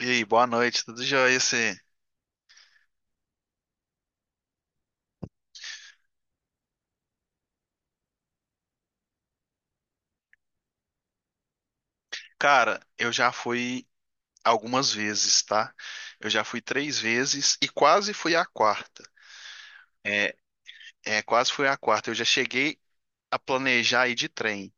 E aí, boa noite, tudo jóia? Você? Cara, eu já fui algumas vezes, tá? Eu já fui três vezes e quase fui à quarta. É, é, quase fui à quarta. Eu já cheguei a planejar ir de trem.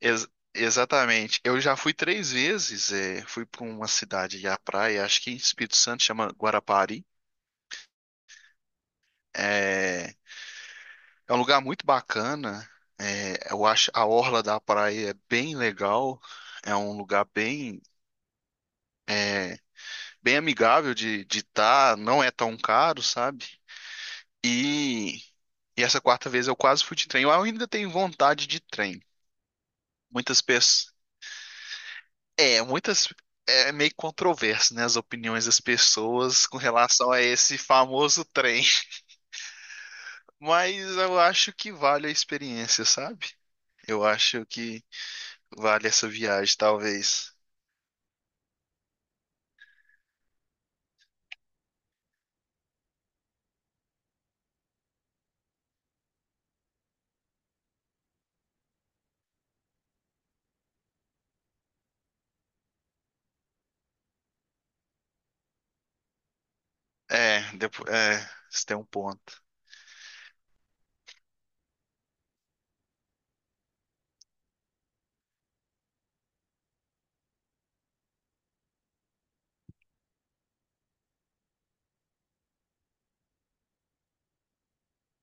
Ex- Exatamente. Eu já fui três vezes. Fui para uma cidade e à praia, acho que em Espírito Santo, chama Guarapari. É, é um lugar muito bacana. É, eu acho a orla da praia é bem legal. É um lugar bem bem amigável de estar, não é tão caro, sabe? E, e essa quarta vez eu quase fui de trem. Eu ainda tenho vontade de trem. Muitas pessoas. É, muitas. É meio controverso, né, as opiniões das pessoas com relação a esse famoso trem. Mas eu acho que vale a experiência, sabe? Eu acho que vale essa viagem, talvez. É, depois, você tem um ponto.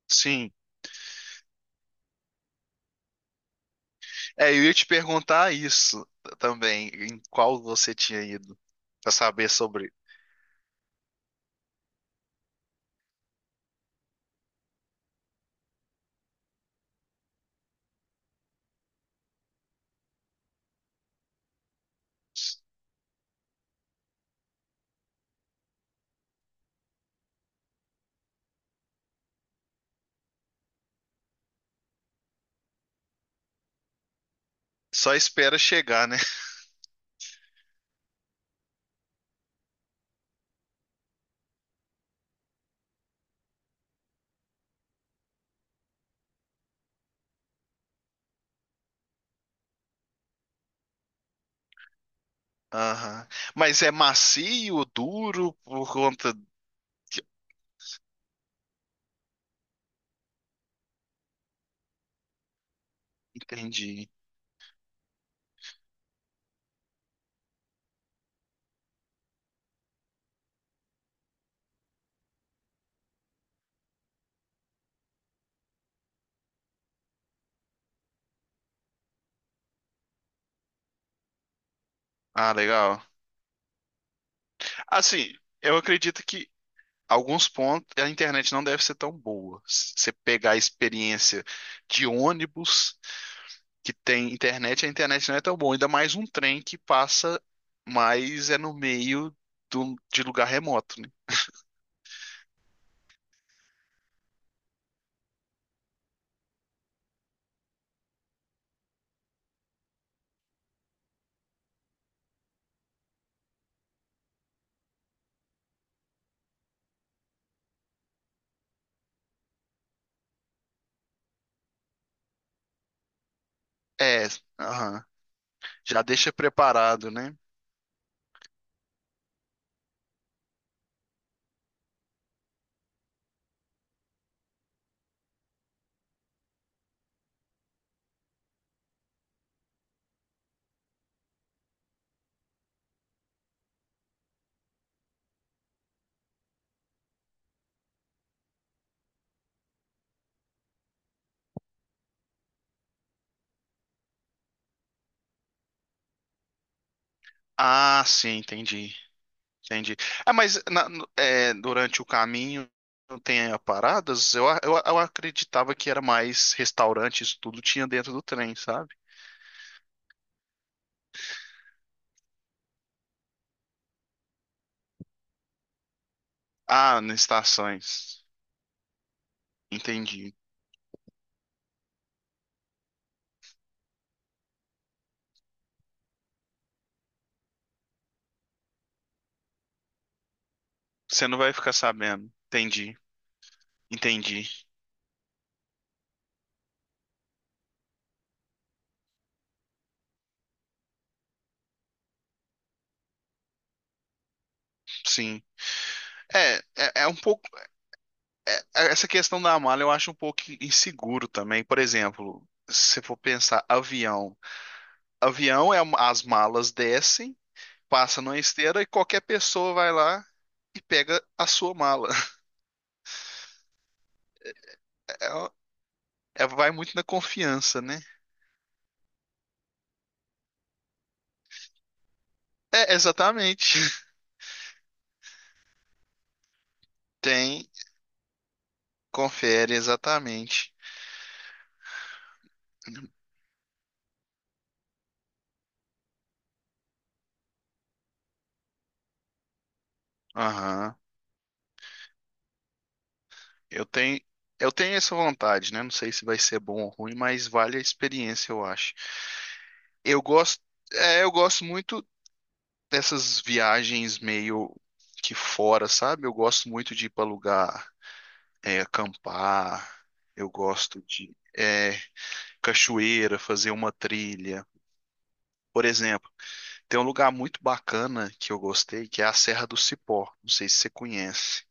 Sim. É, eu ia te perguntar também, em qual você tinha ido, pra saber sobre. Só espera chegar, né? Aham. Mas é macio, duro, por conta. Entendi. Ah, legal. Assim, eu acredito que alguns pontos a internet não deve ser tão boa. Se você pegar a experiência de ônibus. Que tem internet, a internet não é tão boa. Ainda mais um trem que passa, mas é no meio de lugar remoto, né? É, aham. Já deixa preparado, né? Ah, sim, entendi. Entendi. Ah, mas durante o caminho não tem paradas? Eu acreditava que era mais restaurantes, tudo tinha dentro do trem, sabe? Ah, nas estações. Entendi. Você não vai ficar sabendo. Entendi. Entendi. Sim. É, é, é um pouco Essa questão da mala eu acho um pouco inseguro também. Por exemplo, se for pensar avião, avião é as malas descem, passa numa esteira e qualquer pessoa vai lá e pega a sua mala. É, Vai muito na confiança, né? É, exatamente. Tem, confere exatamente. Aham. Eu tenho, eu tenho essa vontade, né? Não sei se vai ser bom ou ruim, mas vale a experiência, eu acho. Eu gosto, eu gosto muito dessas viagens meio que fora, sabe? Eu gosto muito de ir para lugar, acampar, eu gosto de cachoeira, fazer uma trilha. Por exemplo, tem um lugar muito bacana que eu gostei, que é a Serra do Cipó. Não sei se você conhece.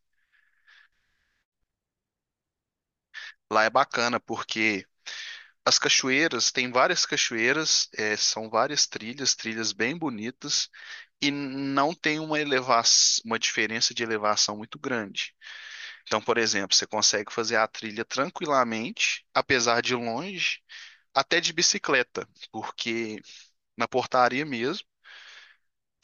Lá é bacana porque as cachoeiras, tem várias cachoeiras, são várias trilhas, trilhas bem bonitas, e não tem uma diferença de elevação muito grande. Então, por exemplo, você consegue fazer a trilha tranquilamente, apesar de longe, até de bicicleta, porque na portaria mesmo,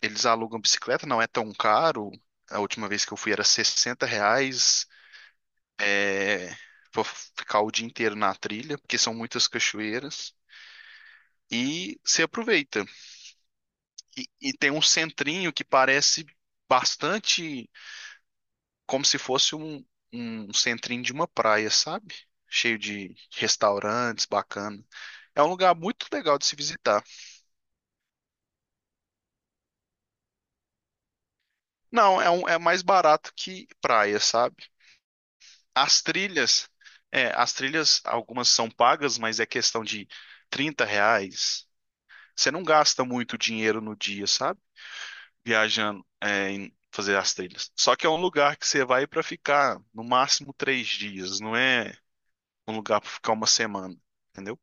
eles alugam bicicleta, não é tão caro. A última vez que eu fui era R$ 60, é, pra ficar o dia inteiro na trilha, porque são muitas cachoeiras, e se aproveita. E tem um centrinho que parece bastante como se fosse um, um centrinho de uma praia, sabe? Cheio de restaurantes, bacana. É um lugar muito legal de se visitar. Não, é mais barato que praia, sabe? As trilhas, as trilhas, algumas são pagas, mas é questão de R$ 30. Você não gasta muito dinheiro no dia, sabe? Viajando, em fazer as trilhas. Só que é um lugar que você vai para ficar no máximo 3 dias, não é um lugar para ficar uma semana, entendeu?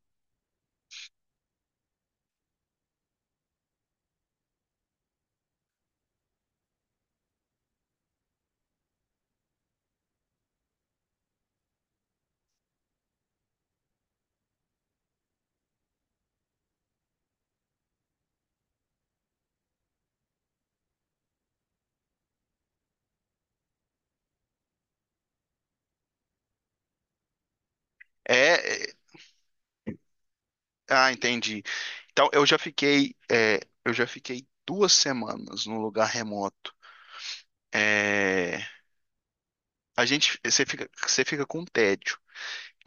É, é. Ah, entendi. Então, eu já fiquei 2 semanas num lugar remoto. É, a gente, você fica, com um tédio,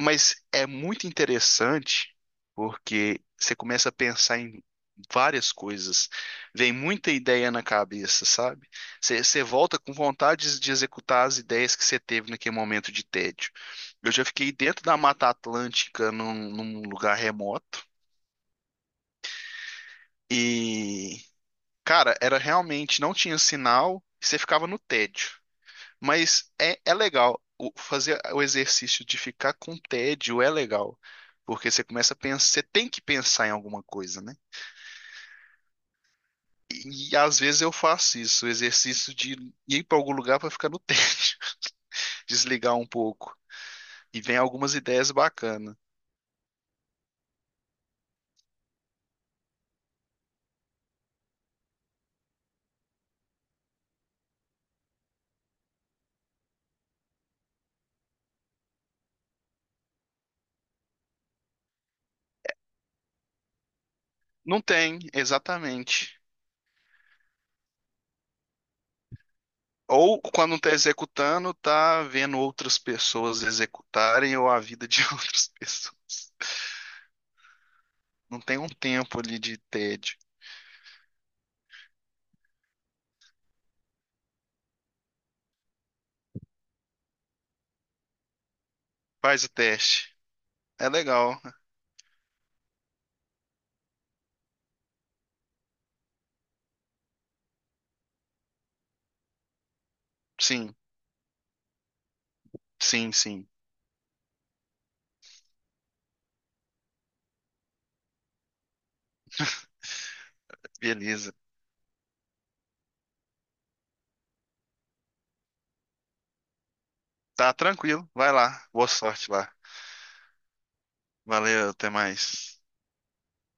mas é muito interessante porque você começa a pensar em várias coisas, vem muita ideia na cabeça, sabe? Você volta com vontade de executar as ideias que você teve naquele momento de tédio. Eu já fiquei dentro da Mata Atlântica num lugar remoto. E, cara, era realmente, não tinha sinal, você ficava no tédio. Mas é legal. Fazer o exercício de ficar com tédio é legal. Porque você começa a pensar, você tem que pensar em alguma coisa, né? E às vezes eu faço isso, o exercício de ir para algum lugar para ficar no tédio, desligar um pouco. E vem algumas ideias bacanas. Não tem, exatamente. Ou quando está executando, tá vendo outras pessoas executarem ou a vida de outras pessoas. Não tem um tempo ali de tédio. Faz o teste. É legal. Sim, sim, sim. Beleza. Tá tranquilo. Vai lá. Boa sorte lá. Valeu, até mais.